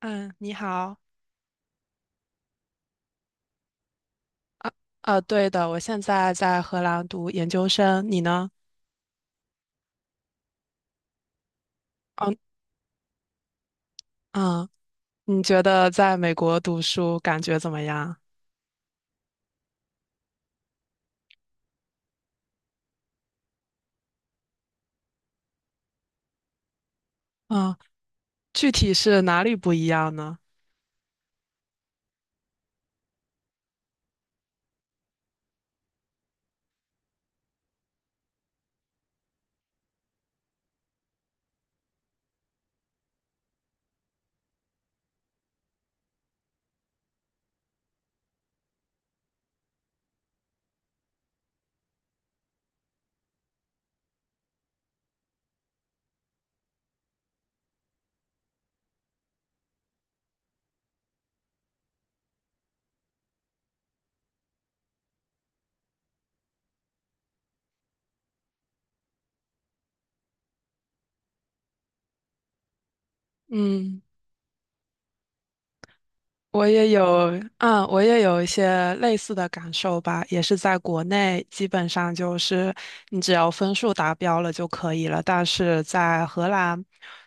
嗯，你好。啊。啊，对的，我现在在荷兰读研究生，你呢？嗯嗯，你觉得在美国读书感觉怎么样？嗯，具体是哪里不一样呢？嗯。我也有，我也有一些类似的感受吧，也是在国内，基本上就是你只要分数达标了就可以了。但是在荷兰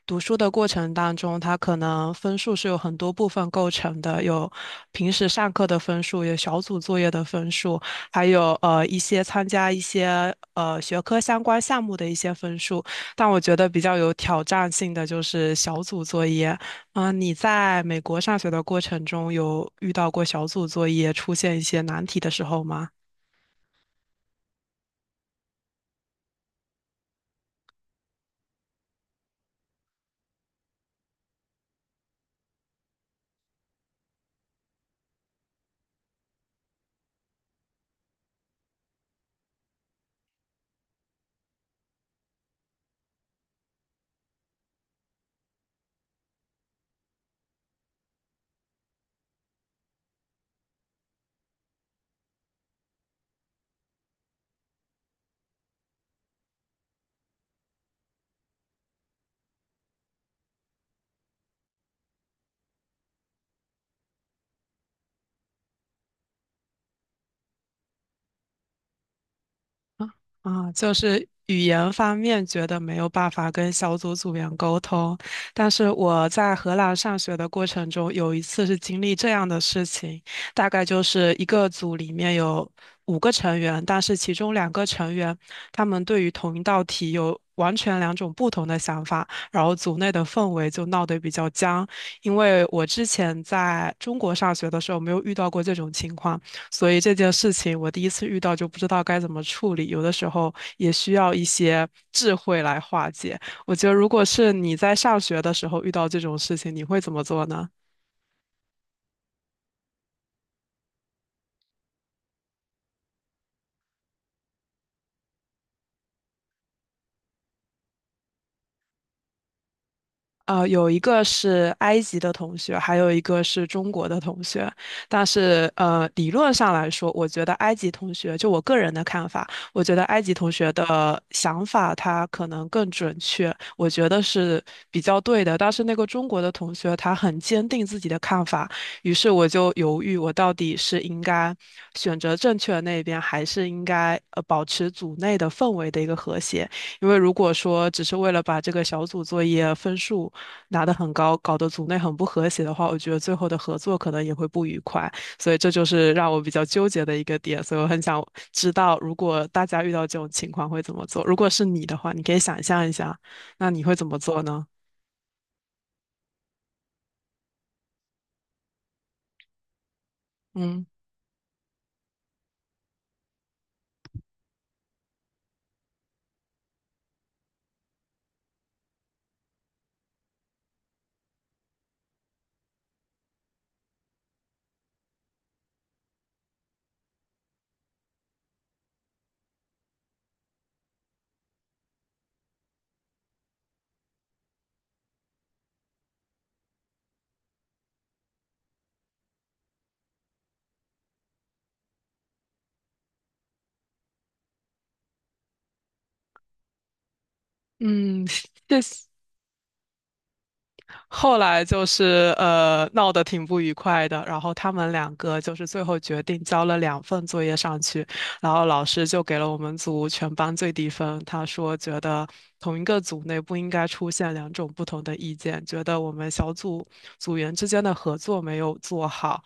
读书的过程当中，它可能分数是有很多部分构成的，有平时上课的分数，有小组作业的分数，还有一些参加一些学科相关项目的一些分数。但我觉得比较有挑战性的就是小组作业。啊，你在美国上学的过程中，有遇到过小组作业出现一些难题的时候吗？啊，就是语言方面觉得没有办法跟小组组员沟通。但是我在荷兰上学的过程中，有一次是经历这样的事情，大概就是一个组里面有5个成员，但是其中2个成员他们对于同一道题有完全两种不同的想法，然后组内的氛围就闹得比较僵，因为我之前在中国上学的时候没有遇到过这种情况。所以这件事情我第一次遇到就不知道该怎么处理，有的时候也需要一些智慧来化解。我觉得如果是你在上学的时候遇到这种事情，你会怎么做呢？呃，有一个是埃及的同学，还有一个是中国的同学。但是，理论上来说，我觉得埃及同学，就我个人的看法，我觉得埃及同学的想法他可能更准确，我觉得是比较对的。但是那个中国的同学，他很坚定自己的看法，于是我就犹豫，我到底是应该选择正确的那一边，还是应该保持组内的氛围的一个和谐。因为如果说只是为了把这个小组作业分数拿得很高，搞得组内很不和谐的话，我觉得最后的合作可能也会不愉快。所以这就是让我比较纠结的一个点。所以我很想知道，如果大家遇到这种情况会怎么做？如果是你的话，你可以想象一下，那你会怎么做呢？嗯嗯，谢谢。后来就是闹得挺不愉快的，然后他们两个就是最后决定交了2份作业上去，然后老师就给了我们组全班最低分。他说觉得同一个组内不应该出现两种不同的意见，觉得我们小组组员之间的合作没有做好。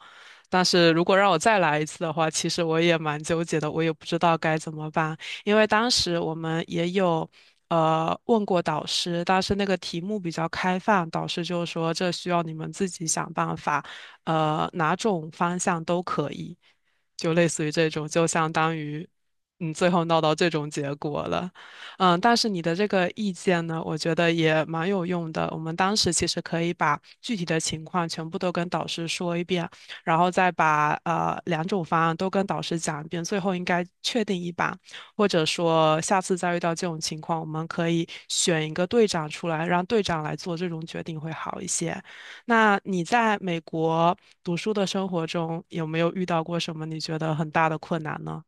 但是如果让我再来一次的话，其实我也蛮纠结的，我也不知道该怎么办。因为当时我们也有问过导师，但是那个题目比较开放，导师就说这需要你们自己想办法，呃，哪种方向都可以，就类似于这种，就相当于最后闹到这种结果了。嗯，但是你的这个意见呢，我觉得也蛮有用的。我们当时其实可以把具体的情况全部都跟导师说一遍，然后再把2种方案都跟导师讲一遍，最后应该确定一把。或者说下次再遇到这种情况，我们可以选一个队长出来，让队长来做这种决定会好一些。那你在美国读书的生活中，有没有遇到过什么你觉得很大的困难呢？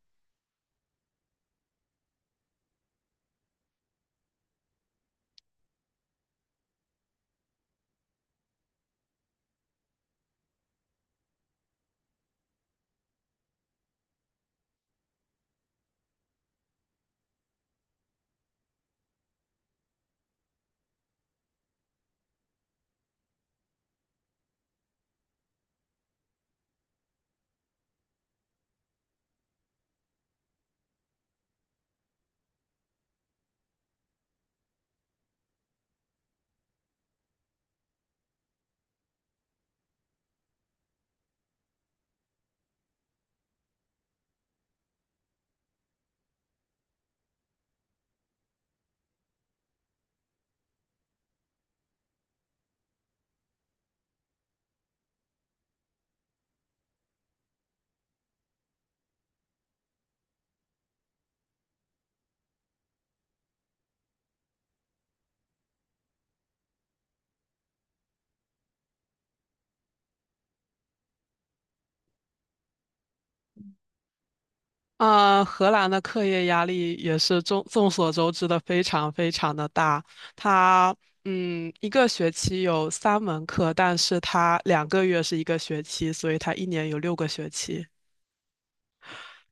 啊、荷兰的课业压力也是众所周知的，非常非常的大。它一个学期有三门课，但是它两个月是一个学期，所以它一年有6个学期。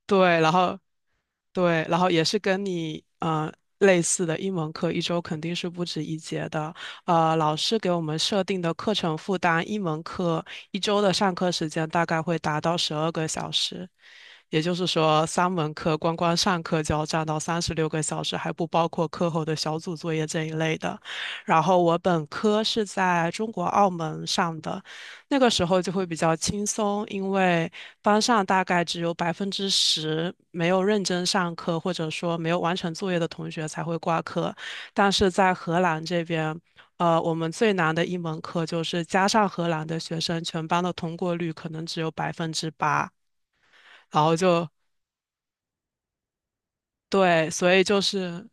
对，然后对，然后也是跟你类似的，英文课一周肯定是不止一节的。呃，老师给我们设定的课程负担，英文课一周的上课时间大概会达到12个小时，也就是说，三门课光光上课就要占到36个小时，还不包括课后的小组作业这一类的。然后我本科是在中国澳门上的，那个时候就会比较轻松，因为班上大概只有10%没有认真上课，或者说没有完成作业的同学才会挂科。但是在荷兰这边，呃，我们最难的一门课就是加上荷兰的学生，全班的通过率可能只有8%，然后就对，所以就是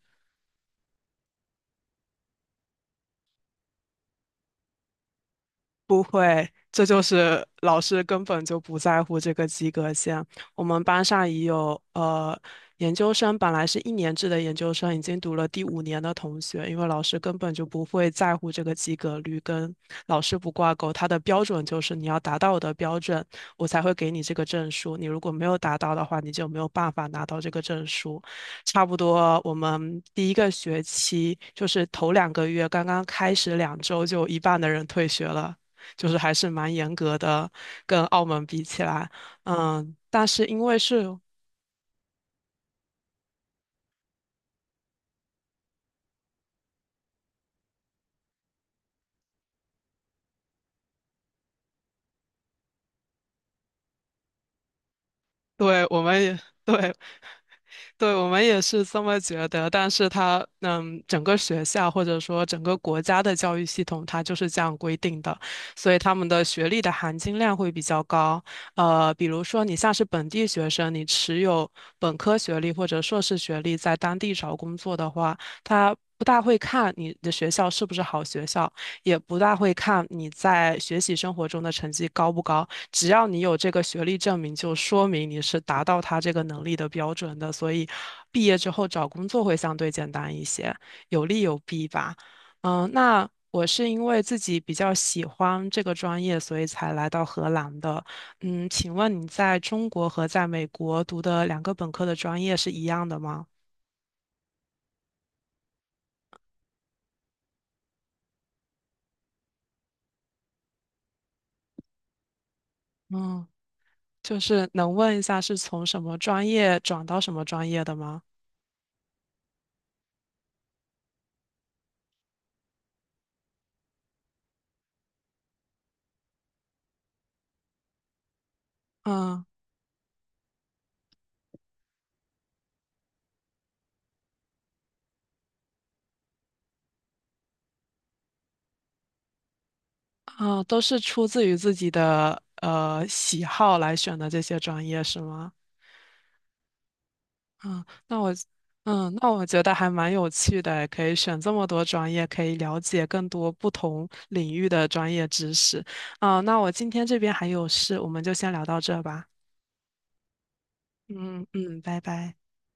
不会，这就是老师根本就不在乎这个及格线。我们班上已有研究生，本来是一年制的研究生，已经读了第5年的同学，因为老师根本就不会在乎这个及格率，跟老师不挂钩。他的标准就是你要达到我的标准，我才会给你这个证书。你如果没有达到的话，你就没有办法拿到这个证书。差不多，我们第一个学期就是头两个月刚刚开始2周，就有一半的人退学了。就是还是蛮严格的，跟澳门比起来。嗯，但是因为是，对，我们也，对，对，我们也是这么觉得，但是它，整个学校或者说整个国家的教育系统，它就是这样规定的，所以他们的学历的含金量会比较高。呃，比如说你像是本地学生，你持有本科学历或者硕士学历，在当地找工作的话，他不大会看你的学校是不是好学校，也不大会看你在学习生活中的成绩高不高，只要你有这个学历证明，就说明你是达到他这个能力的标准的，所以毕业之后找工作会相对简单一些，有利有弊吧。嗯，那我是因为自己比较喜欢这个专业，所以才来到荷兰的。嗯，请问你在中国和在美国读的2个本科的专业是一样的吗？嗯，就是能问一下是从什么专业转到什么专业的吗？嗯。啊，都是出自于自己的喜好来选的这些专业是吗？嗯，那我觉得还蛮有趣的，可以选这么多专业，可以了解更多不同领域的专业知识。啊，那我今天这边还有事，我们就先聊到这吧。嗯嗯，拜拜。